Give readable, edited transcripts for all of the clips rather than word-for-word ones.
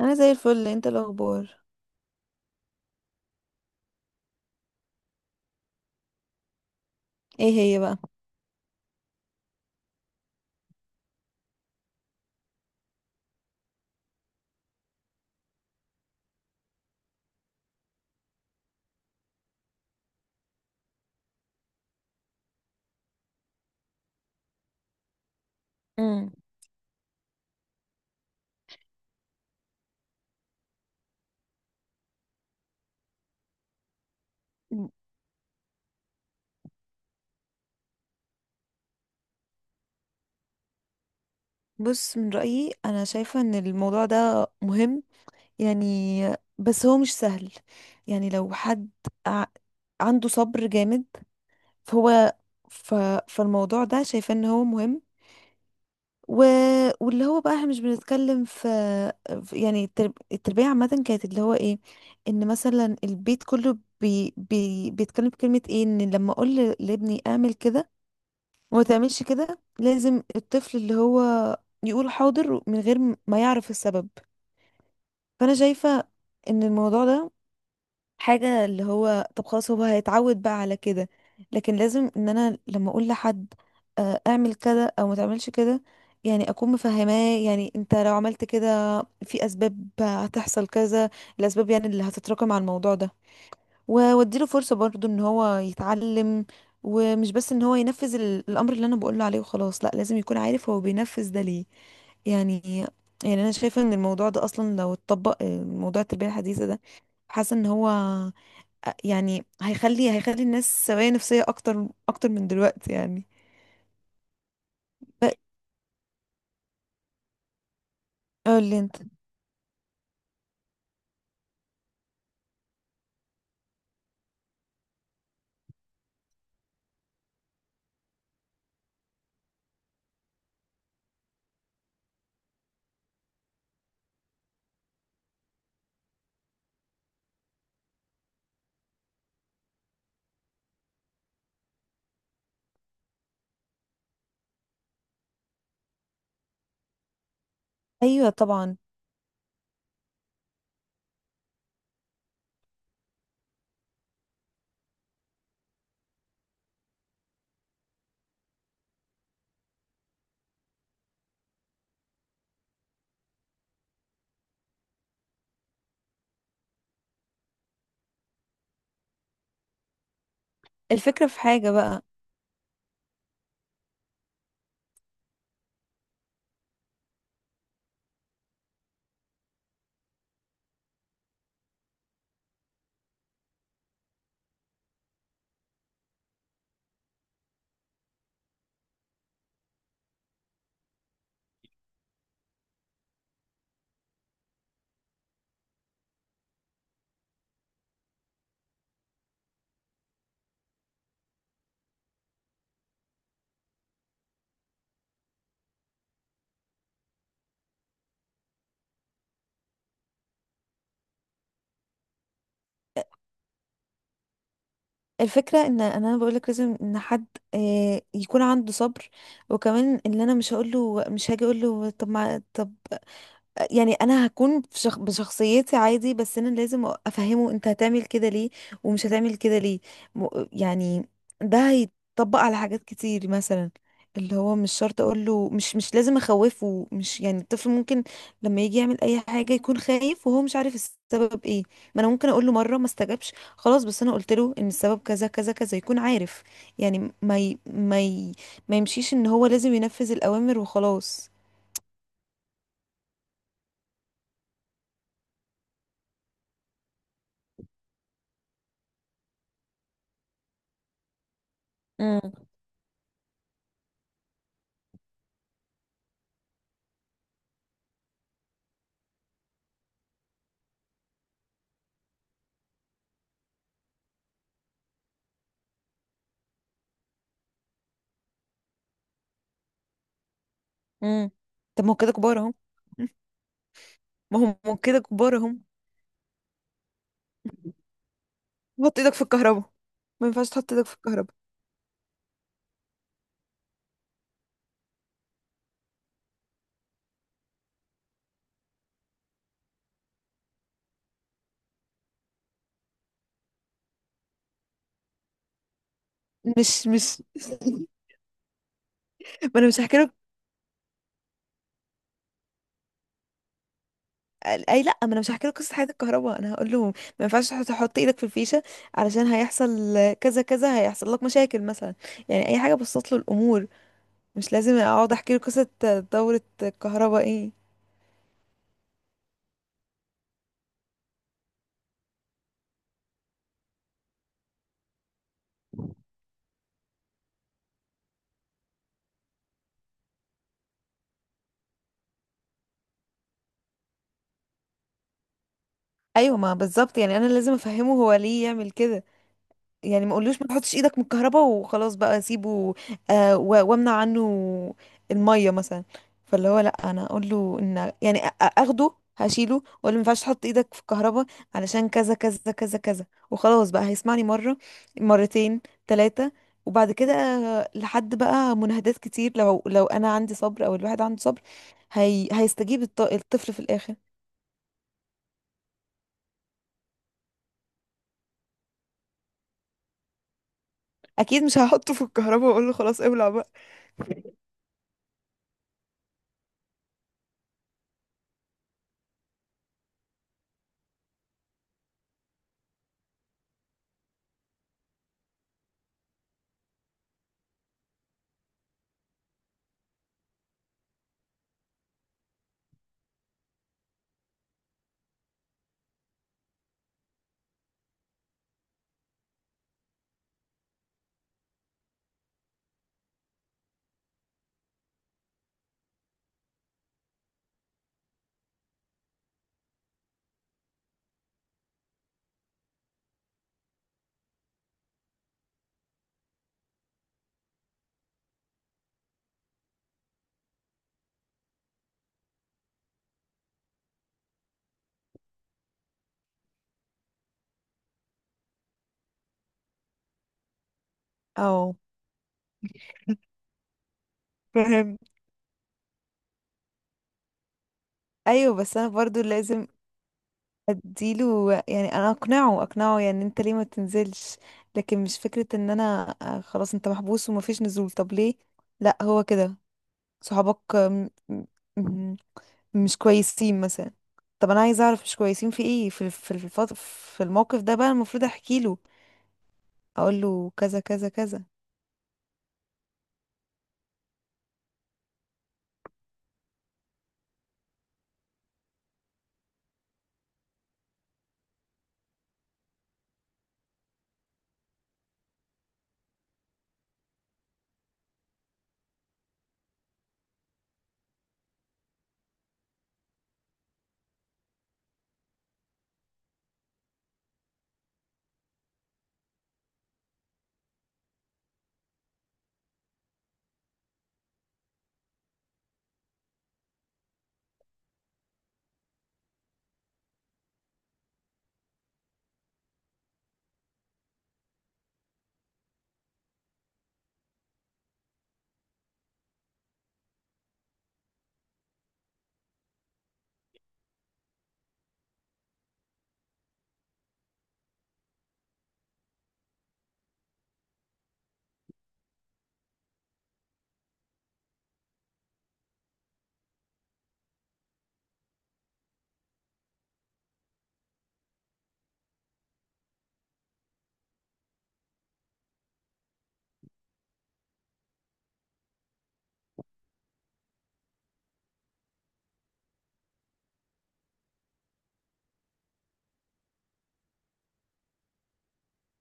انا زي الفل. انت الاخبار؟ ايه هي بقى؟ امم بص، من رأيي انا شايفة ان الموضوع ده مهم يعني، بس هو مش سهل. يعني لو حد ع- عنده صبر جامد فهو ف... فالموضوع ده شايفة ان هو مهم. و... واللي هو بقى احنا مش بنتكلم في يعني التربية عامة، كانت اللي هو ايه، ان مثلا البيت كله بيتكلم بكلمة ايه، ان لما اقول لابني اعمل كده وما تعملش كده لازم الطفل اللي هو يقول حاضر من غير ما يعرف السبب. فانا شايفة ان الموضوع ده حاجة، اللي هو طب خلاص هو هيتعود بقى على كده، لكن لازم ان انا لما اقول لحد اعمل كده او ما تعملش كده، يعني اكون مفهماه يعني انت لو عملت كده في اسباب هتحصل كذا، الاسباب يعني اللي هتتراكم على الموضوع ده. واديله فرصة برضو ان هو يتعلم ومش بس ان هو ينفذ الامر اللي انا بقوله عليه وخلاص، لا لازم يكون عارف هو بينفذ ده ليه يعني. يعني انا شايفة ان الموضوع ده اصلا لو اتطبق موضوع التربية الحديثة ده، حاسة ان هو يعني هيخلي الناس سوية نفسية اكتر اكتر من دلوقتي يعني. ب- قولي انت. ايوه طبعا. الفكرة في حاجة بقى، الفكرة ان إن انا بقولك لازم ان حد يكون عنده صبر، وكمان ان انا مش هقوله، مش هاجي اقوله طب ما طب، يعني انا هكون بشخصيتي عادي، بس انا لازم افهمه انت هتعمل كده ليه ومش هتعمل كده ليه. م... يعني ده هيتطبق على حاجات كتير مثلا اللي هو، مش شرط اقول له مش لازم اخوفه، مش يعني الطفل ممكن لما يجي يعمل اي حاجه يكون خايف وهو مش عارف السبب ايه. ما انا ممكن اقول له مره، ما استجابش خلاص، بس انا قلت له ان السبب كذا كذا كذا يكون عارف يعني. ما يمشيش ان هو لازم ينفذ الاوامر وخلاص. امم. طب ما هو كده كبار اهو. ما هو كده كبار اهو. حط ايدك في الكهرباء. ما ينفعش تحط ايدك في الكهرباء. مش ما انا مش هحكي لك. اي لا، ما انا مش هحكي لك قصه حياه الكهرباء، انا هقول لهم ما ينفعش تحط ايدك في الفيشه علشان هيحصل كذا كذا، هيحصل لك مشاكل مثلا. يعني اي حاجه بسط له الامور، مش لازم اقعد احكي له قصه دوره الكهرباء ايه. ايوه، ما بالظبط يعني انا لازم افهمه هو ليه يعمل كده. يعني ما قولوش ما تحطش ايدك من الكهرباء وخلاص بقى سيبه. آه، وامنع عنه الميه مثلا. فاللي هو لا، انا اقول له ان يعني اخده، هشيله واقول له ما ينفعش تحط ايدك في الكهرباء علشان كذا كذا كذا كذا، وخلاص بقى هيسمعني مره، مرتين، ثلاثه، وبعد كده لحد بقى مناهدات كتير، لو انا عندي صبر او الواحد عنده صبر، هيستجيب الطفل في الاخر. اكيد مش هحطه في الكهرباء واقول له خلاص ابلع بقى. او فاهم. ايوه بس انا برضو لازم اديله يعني، انا اقنعه اقنعه يعني انت ليه ما تنزلش، لكن مش فكرة ان انا خلاص انت محبوس ومفيش نزول. طب ليه؟ لا هو كده، صحابك م- مش كويسين مثلا. طب انا عايزه اعرف مش كويسين في ايه، في في الموقف ده بقى المفروض احكي له، اقول له كذا كذا كذا.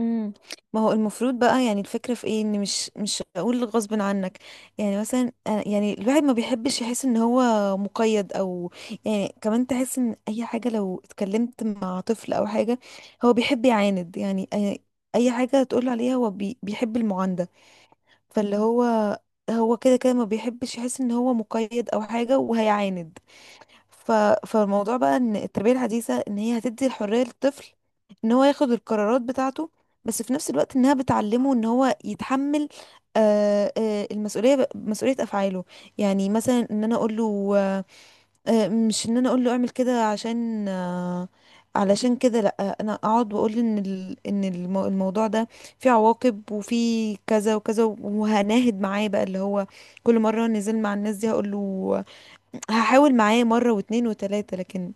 امم. ما هو المفروض بقى يعني، الفكرة في ايه، ان مش هقول غصب عنك، يعني مثلا يعني الواحد ما بيحبش يحس ان هو مقيد او، يعني كمان تحس ان اي حاجة لو اتكلمت مع طفل او حاجة هو بيحب يعاند يعني، أي حاجة تقول عليها هو بيحب المعاندة. فاللي هو هو كده كده ما بيحبش يحس ان هو مقيد او حاجة وهيعاند. ف... فالموضوع بقى ان التربية الحديثة ان هي هتدي الحرية للطفل ان هو ياخد القرارات بتاعته، بس في نفس الوقت انها بتعلمه ان هو يتحمل المسؤولية، مسؤولية افعاله. يعني مثلا ان انا اقول له مش ان انا اقول له اعمل كده عشان علشان كده، لا انا اقعد واقول ان الموضوع ده فيه عواقب وفيه كذا وكذا وهناهد معاه بقى، اللي هو كل مرة نزل مع الناس دي هقول له، هحاول معاه مرة واتنين وتلاتة، لكن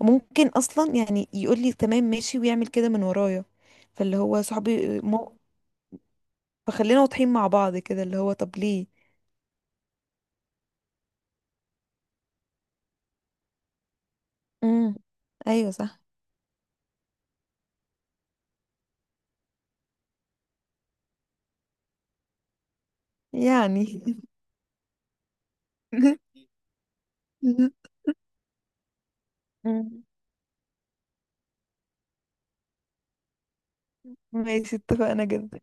ممكن اصلا يعني يقول لي تمام ماشي ويعمل كده من ورايا. فاللي هو صحابي فخلينا واضحين مع بعض كده، اللي هو طب ليه. امم. ايوه صح. يعني مم. ماشي، اتفقنا جدا.